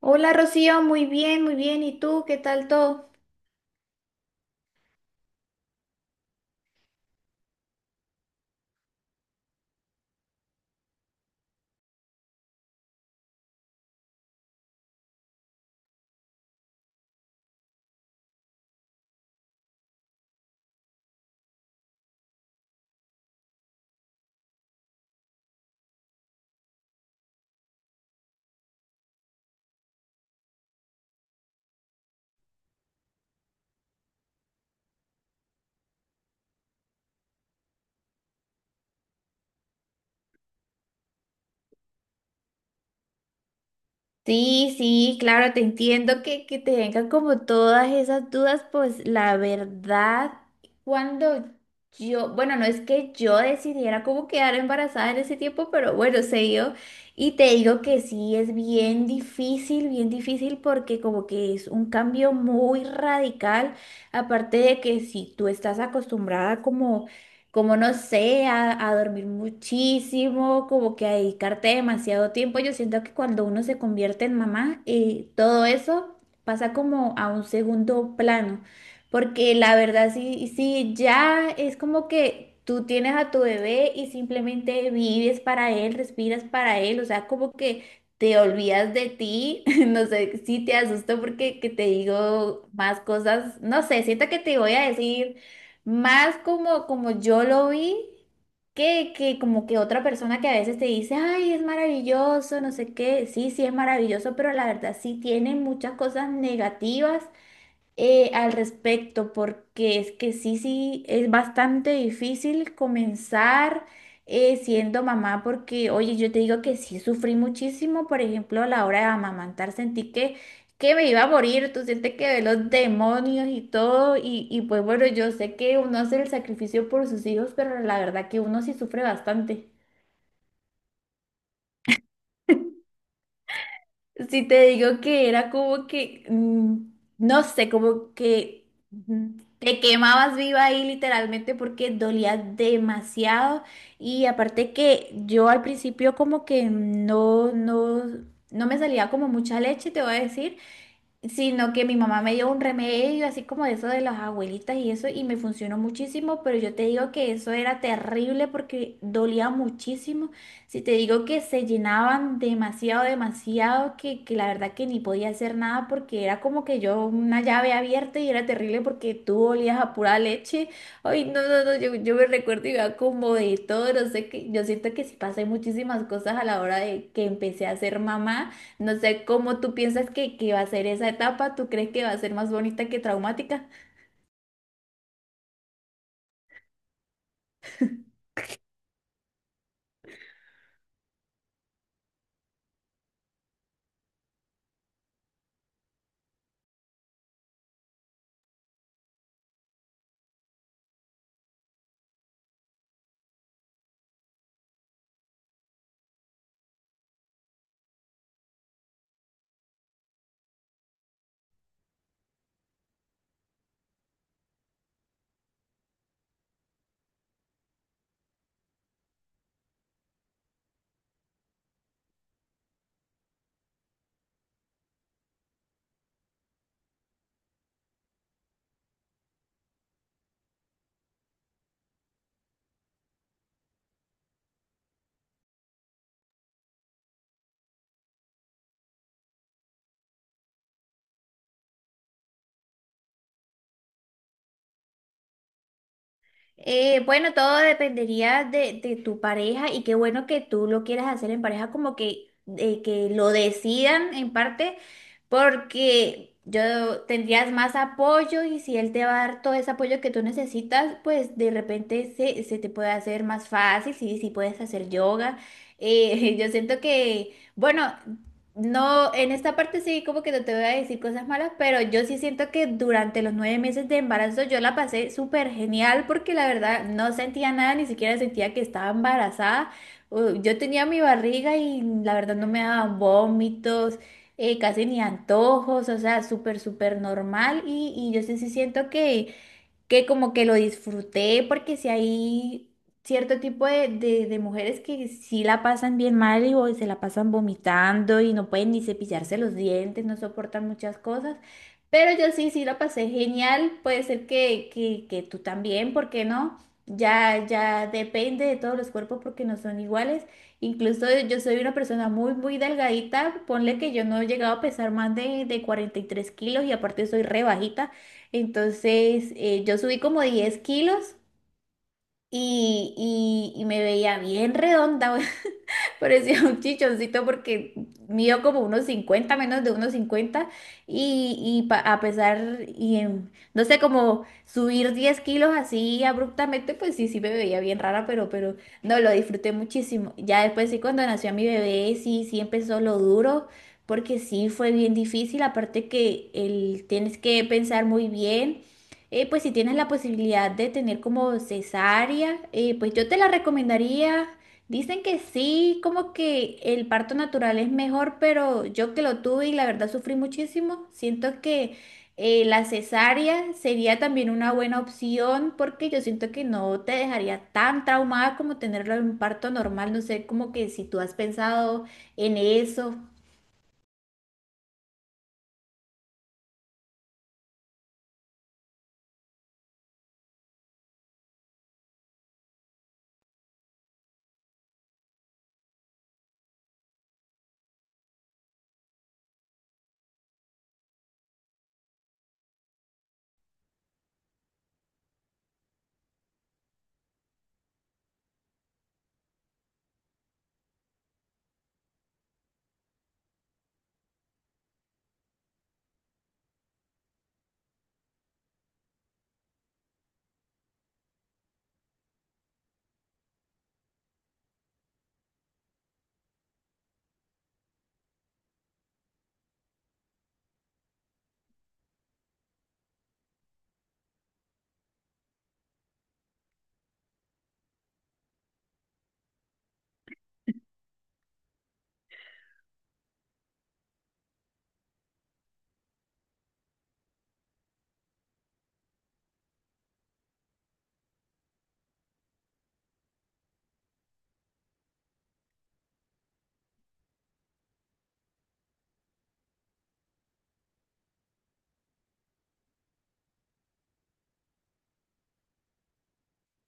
Hola Rocío, muy bien, muy bien. ¿Y tú? ¿Qué tal todo? Sí, sí, claro, te entiendo que te vengan como todas esas dudas, pues la verdad, cuando yo, bueno, no es que yo decidiera cómo quedar embarazada en ese tiempo, pero bueno, se dio. Y te digo que sí, es bien difícil porque como que es un cambio muy radical, aparte de que si tú estás acostumbrada como no sé, a dormir muchísimo, como que a dedicarte demasiado tiempo. Yo siento que cuando uno se convierte en mamá, todo eso pasa como a un segundo plano, porque la verdad sí, sí, ya es como que tú tienes a tu bebé y simplemente vives para él, respiras para él, o sea, como que. Te olvidas de ti, no sé si te asusto porque que te digo más cosas, no sé, siento que te voy a decir más como yo lo vi, que como que otra persona que a veces te dice, ay, es maravilloso, no sé qué, sí, sí es maravilloso, pero la verdad sí tiene muchas cosas negativas al respecto, porque es que sí, sí, es bastante difícil comenzar siendo mamá, porque, oye, yo te digo que sí sufrí muchísimo, por ejemplo, a la hora de amamantar, sentí que me iba a morir, tú sientes que ve los demonios y todo, y pues bueno, yo sé que uno hace el sacrificio por sus hijos, pero la verdad que uno sí sufre bastante. Si te digo que era como que, no sé, como que te quemabas viva ahí literalmente porque dolía demasiado. Y aparte que yo al principio como que no, no, no me salía como mucha leche, te voy a decir sino que mi mamá me dio un remedio así como de eso de las abuelitas y eso y me funcionó muchísimo, pero yo te digo que eso era terrible porque dolía muchísimo. Si te digo que se llenaban demasiado, demasiado, que la verdad que ni podía hacer nada porque era como que yo una llave abierta y era terrible porque tú olías a pura leche. Ay, no, no, no, yo me recuerdo y iba como de todo, no sé qué, yo siento que sí pasé muchísimas cosas a la hora de que empecé a ser mamá. No sé cómo tú piensas que va a ser esa etapa, ¿tú crees que va a ser más bonita que traumática? Bueno, todo dependería de tu pareja y qué bueno que tú lo quieras hacer en pareja, como que, que lo decidan en parte, porque yo tendrías más apoyo y si él te va a dar todo ese apoyo que tú necesitas, pues de repente se te puede hacer más fácil, si puedes hacer yoga. Yo siento que, bueno. No, en esta parte sí, como que no te voy a decir cosas malas, pero yo sí siento que durante los 9 meses de embarazo yo la pasé súper genial porque la verdad no sentía nada, ni siquiera sentía que estaba embarazada. Yo tenía mi barriga y la verdad no me daban vómitos, casi ni antojos, o sea, súper, súper normal y yo sí, sí siento que como que lo disfruté porque si hay cierto tipo de, de mujeres que sí la pasan bien mal y o se la pasan vomitando y no pueden ni cepillarse los dientes, no soportan muchas cosas. Pero yo sí, sí la pasé genial. Puede ser que tú también, ¿por qué no? Ya, ya depende de todos los cuerpos porque no son iguales. Incluso yo soy una persona muy, muy delgadita. Ponle que yo no he llegado a pesar más de 43 kilos y aparte soy re bajita. Entonces, yo subí como 10 kilos y, y me veía bien redonda, Parecía un chichoncito porque midió como unos 50 menos de unos 50 y pa- a pesar, y en- no sé, como subir 10 kilos así abruptamente, pues sí, sí me veía bien rara, pero no, lo disfruté muchísimo. Ya después sí, cuando nació mi bebé, sí, sí empezó lo duro, porque sí fue bien difícil, aparte que el, tienes que pensar muy bien. Pues si tienes la posibilidad de tener como cesárea, pues yo te la recomendaría. Dicen que sí, como que el parto natural es mejor, pero yo que lo tuve y la verdad sufrí muchísimo, siento que la cesárea sería también una buena opción porque yo siento que no te dejaría tan traumada como tenerlo en un parto normal. No sé, como que si tú has pensado en eso.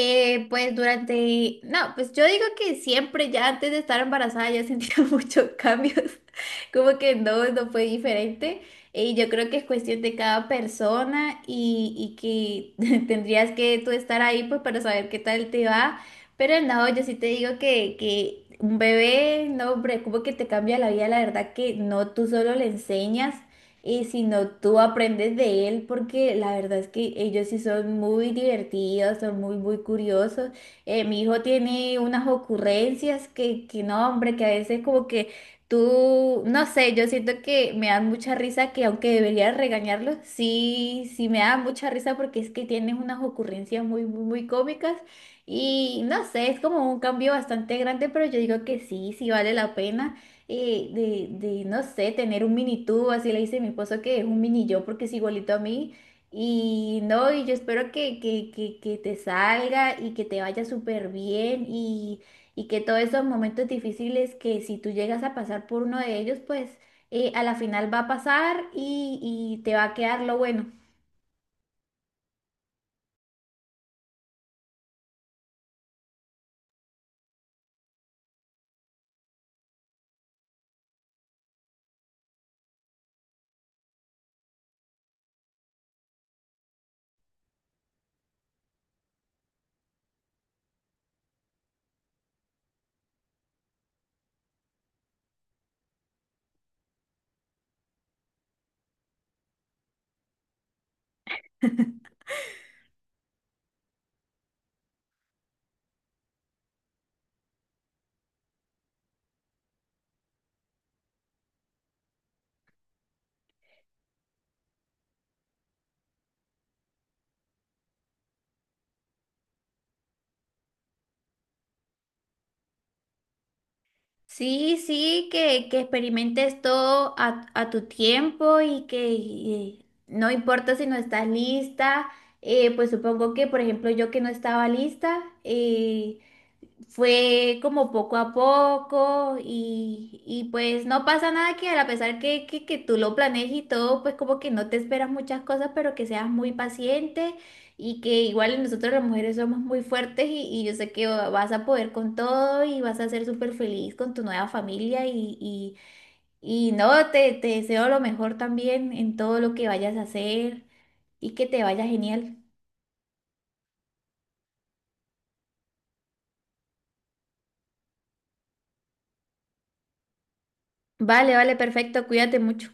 Pues durante, no, pues yo digo que siempre, ya antes de estar embarazada, ya sentía muchos cambios, como que no fue diferente. Y yo creo que es cuestión de cada persona y que tendrías que tú estar ahí pues para saber qué tal te va. Pero no, yo sí te digo que un bebé, no, hombre, como que te cambia la vida, la verdad que no, tú solo le enseñas. Y si no, tú aprendes de él porque la verdad es que ellos sí son muy divertidos, son muy, muy curiosos. Mi hijo tiene unas ocurrencias que no, hombre, que a veces como que tú, no sé, yo siento que me dan mucha risa que aunque debería regañarlos, sí, sí me dan mucha risa porque es que tienen unas ocurrencias muy, muy, muy cómicas. Y no sé, es como un cambio bastante grande, pero yo digo que sí, sí vale la pena no sé, tener un mini tú, así le dice mi esposo que es un mini yo porque es igualito a mí. Y no, y yo espero que te salga y que te vaya súper bien y que todos esos momentos difíciles que si tú llegas a pasar por uno de ellos, pues a la final va a pasar y te va a quedar lo bueno. Sí, sí, que experimentes todo a tu tiempo y que y no importa si no estás lista, pues supongo que, por ejemplo, yo que no estaba lista, fue como poco a poco y pues no pasa nada que a pesar que tú lo planees y todo, pues como que no te esperas muchas cosas, pero que seas muy paciente y que igual nosotros las mujeres somos muy fuertes y yo sé que vas a poder con todo y vas a ser súper feliz con tu nueva familia y no, te deseo lo mejor también en todo lo que vayas a hacer y que te vaya genial. Vale, vale, perfecto, cuídate mucho.